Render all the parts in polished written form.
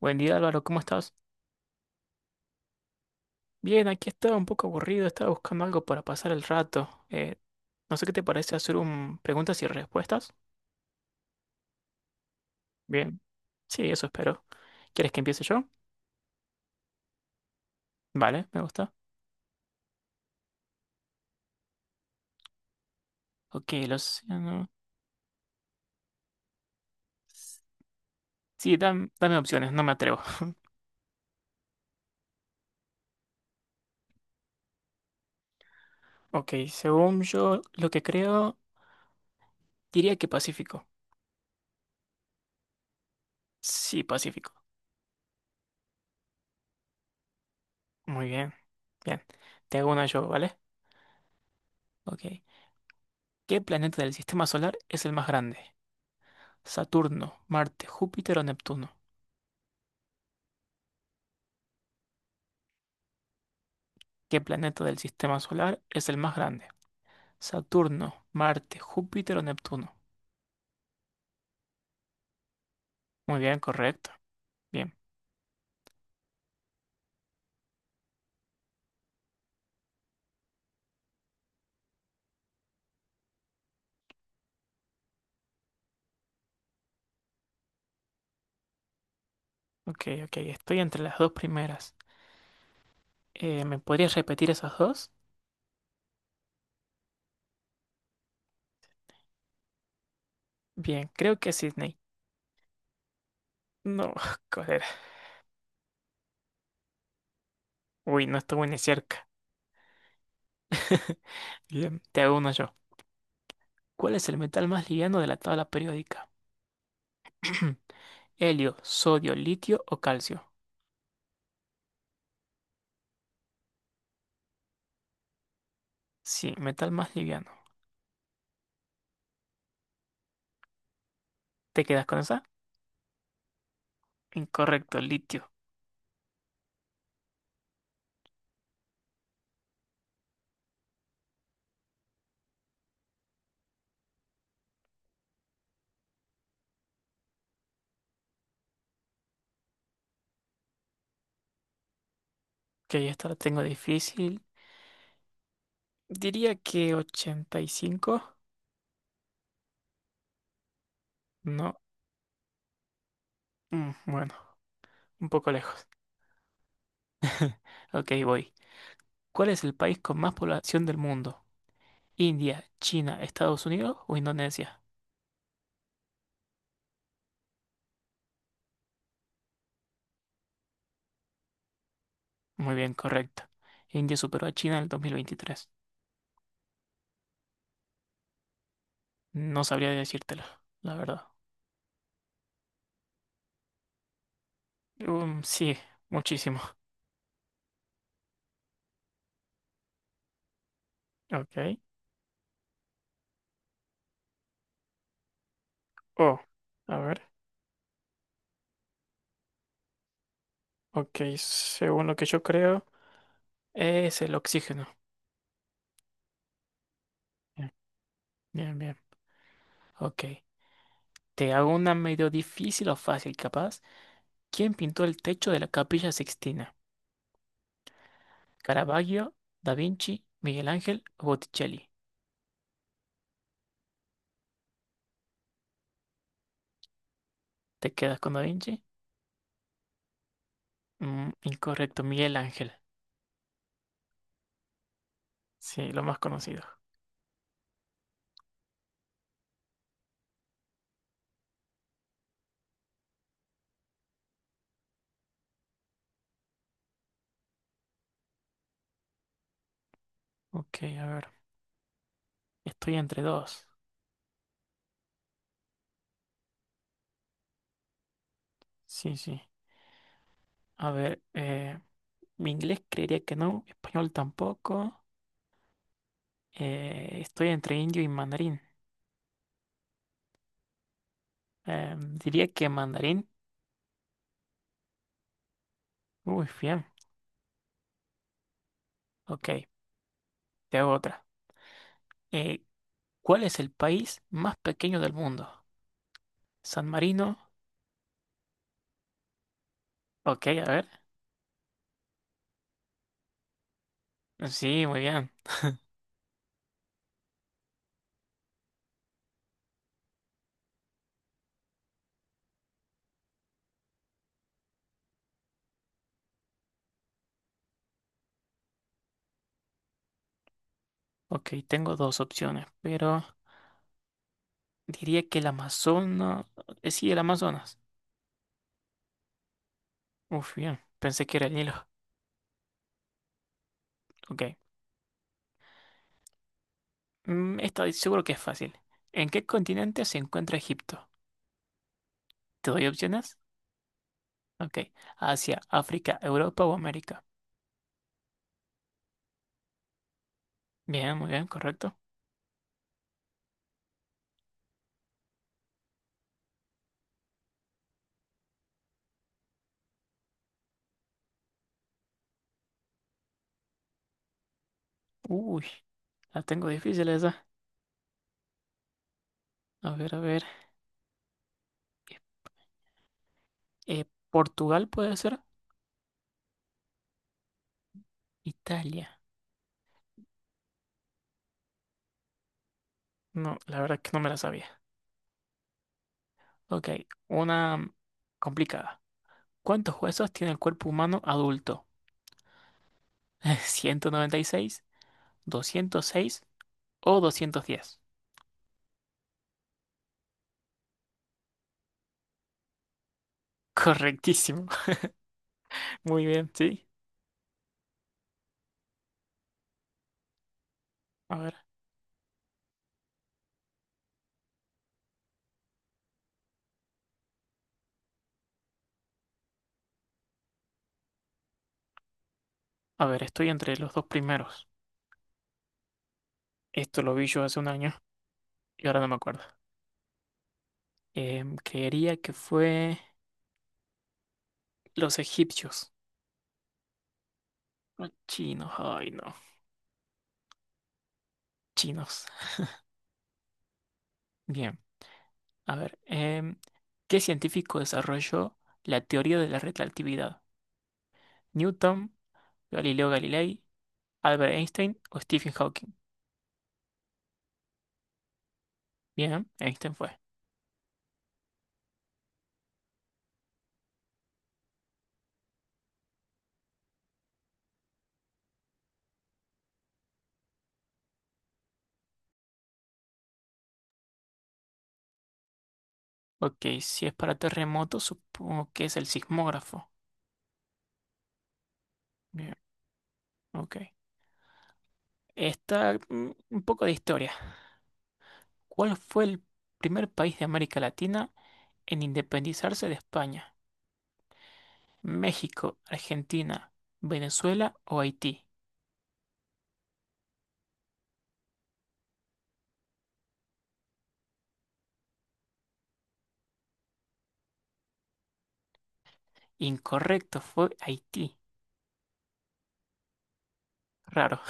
Buen día Álvaro, ¿cómo estás? Bien, aquí estaba un poco aburrido, estaba buscando algo para pasar el rato. No sé qué te parece hacer un preguntas y respuestas. Bien, sí, eso espero. ¿Quieres que empiece yo? Vale, me gusta. Ok, el océano. Sí, dame opciones, no me atrevo. Ok, según yo lo que creo, diría que Pacífico. Sí, Pacífico. Muy bien. Bien, te hago una yo, ¿vale? Ok. ¿Qué planeta del sistema solar es el más grande? ¿Saturno, Marte, Júpiter o Neptuno? ¿Qué planeta del sistema solar es el más grande? ¿Saturno, Marte, Júpiter o Neptuno? Muy bien, correcto. Bien, ok, ok. Estoy entre las dos primeras. ¿Me podrías repetir esas dos? Bien, creo que es Sydney. No, joder. Uy, no estuve ni cerca. Bien, te hago uno yo. ¿Cuál es el metal más liviano de la tabla periódica? ¿Helio, sodio, litio o calcio? Sí, metal más liviano. ¿Te quedas con esa? Incorrecto, litio. Ok, esta la tengo difícil. Diría que 85. No. Mm, bueno, un poco lejos. Ok, voy. ¿Cuál es el país con más población del mundo? ¿India, China, Estados Unidos o Indonesia? Muy bien, correcto. India superó a China en el 2023. No sabría decírtelo, la verdad. Sí, muchísimo. Ok. Oh, a ver. Ok, según lo que yo creo, es el oxígeno. Bien, bien, bien. Ok. ¿Te hago una medio difícil o fácil, capaz? ¿Quién pintó el techo de la Capilla Sixtina? ¿Caravaggio, Da Vinci, Miguel Ángel o Botticelli? ¿Te quedas con Da Vinci? Incorrecto, Miguel Ángel. Sí, lo más conocido. Ok, a ver. Estoy entre dos. Sí, sí. A ver, mi inglés creería que no, español tampoco. Estoy entre indio y mandarín. Eh, Diría que mandarín. Uy, bien. Ok, te hago otra. Eh, ¿Cuál es el país más pequeño del mundo? ¿San Marino? Ok, a ver. Sí, muy bien. Ok, tengo dos opciones, pero diría que el Amazonas. Sí, el Amazonas. Uf, bien. Pensé que era el Nilo. Ok. Esta seguro que es fácil. ¿En qué continente se encuentra Egipto? ¿Te doy opciones? Ok. Asia, África, Europa o América. Bien, muy bien, correcto. Uy, la tengo difícil esa. A ver, a ver. Eh, ¿Portugal puede ser? Italia. No, la verdad es que no me la sabía. Ok, una complicada. ¿Cuántos huesos tiene el cuerpo humano adulto? ¿196, 206 o 210? Correctísimo. Muy bien, sí. A ver, a ver, estoy entre los dos primeros. Esto lo vi yo hace un año y ahora no me acuerdo. Creería que fue los egipcios. Los chinos, ay no. Chinos. Bien, a ver. ¿Qué científico desarrolló la teoría de la relatividad? ¿Newton, Galileo Galilei, Albert Einstein o Stephen Hawking? Bien, Einstein fue. Ok, si es para terremotos, supongo que es el sismógrafo. Bien, ok. Esta, un poco de historia. ¿Cuál fue el primer país de América Latina en independizarse de España? ¿México, Argentina, Venezuela o Haití? Incorrecto, fue Haití. Raro.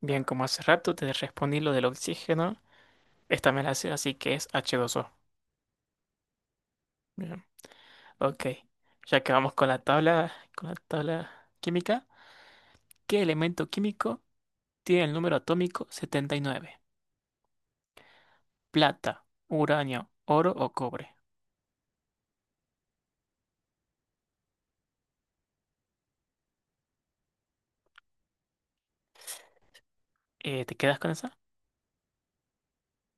Bien, como hace rato te respondí lo del oxígeno, esta me la sé, así que es H2O. Bien, ok. Ya que vamos con la tabla, química. ¿Qué elemento químico tiene el número atómico 79? ¿Plata, uranio, oro o cobre? ¿Te quedas con esa?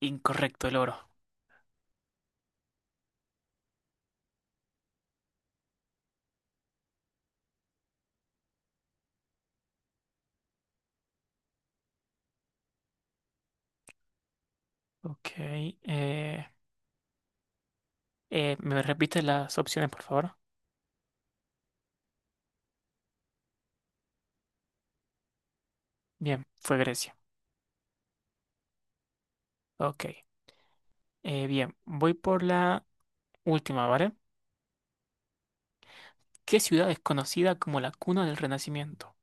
Incorrecto, el oro. Ok. ¿Me repites las opciones, por favor? Bien, fue Grecia. Ok. Bien, voy por la última, ¿vale? ¿Qué ciudad es conocida como la cuna del Renacimiento?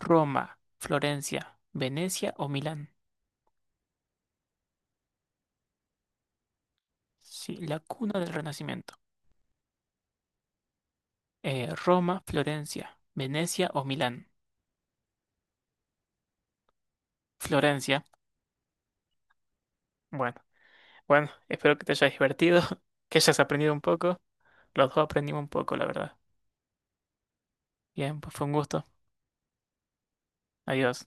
¿Roma, Florencia, Venecia o Milán? Sí, la cuna del Renacimiento. Roma, Florencia, Venecia o Milán. Florencia. Bueno. Bueno, espero que te hayas divertido, que hayas aprendido un poco. Los dos aprendimos un poco, la verdad. Bien, pues fue un gusto. Adiós.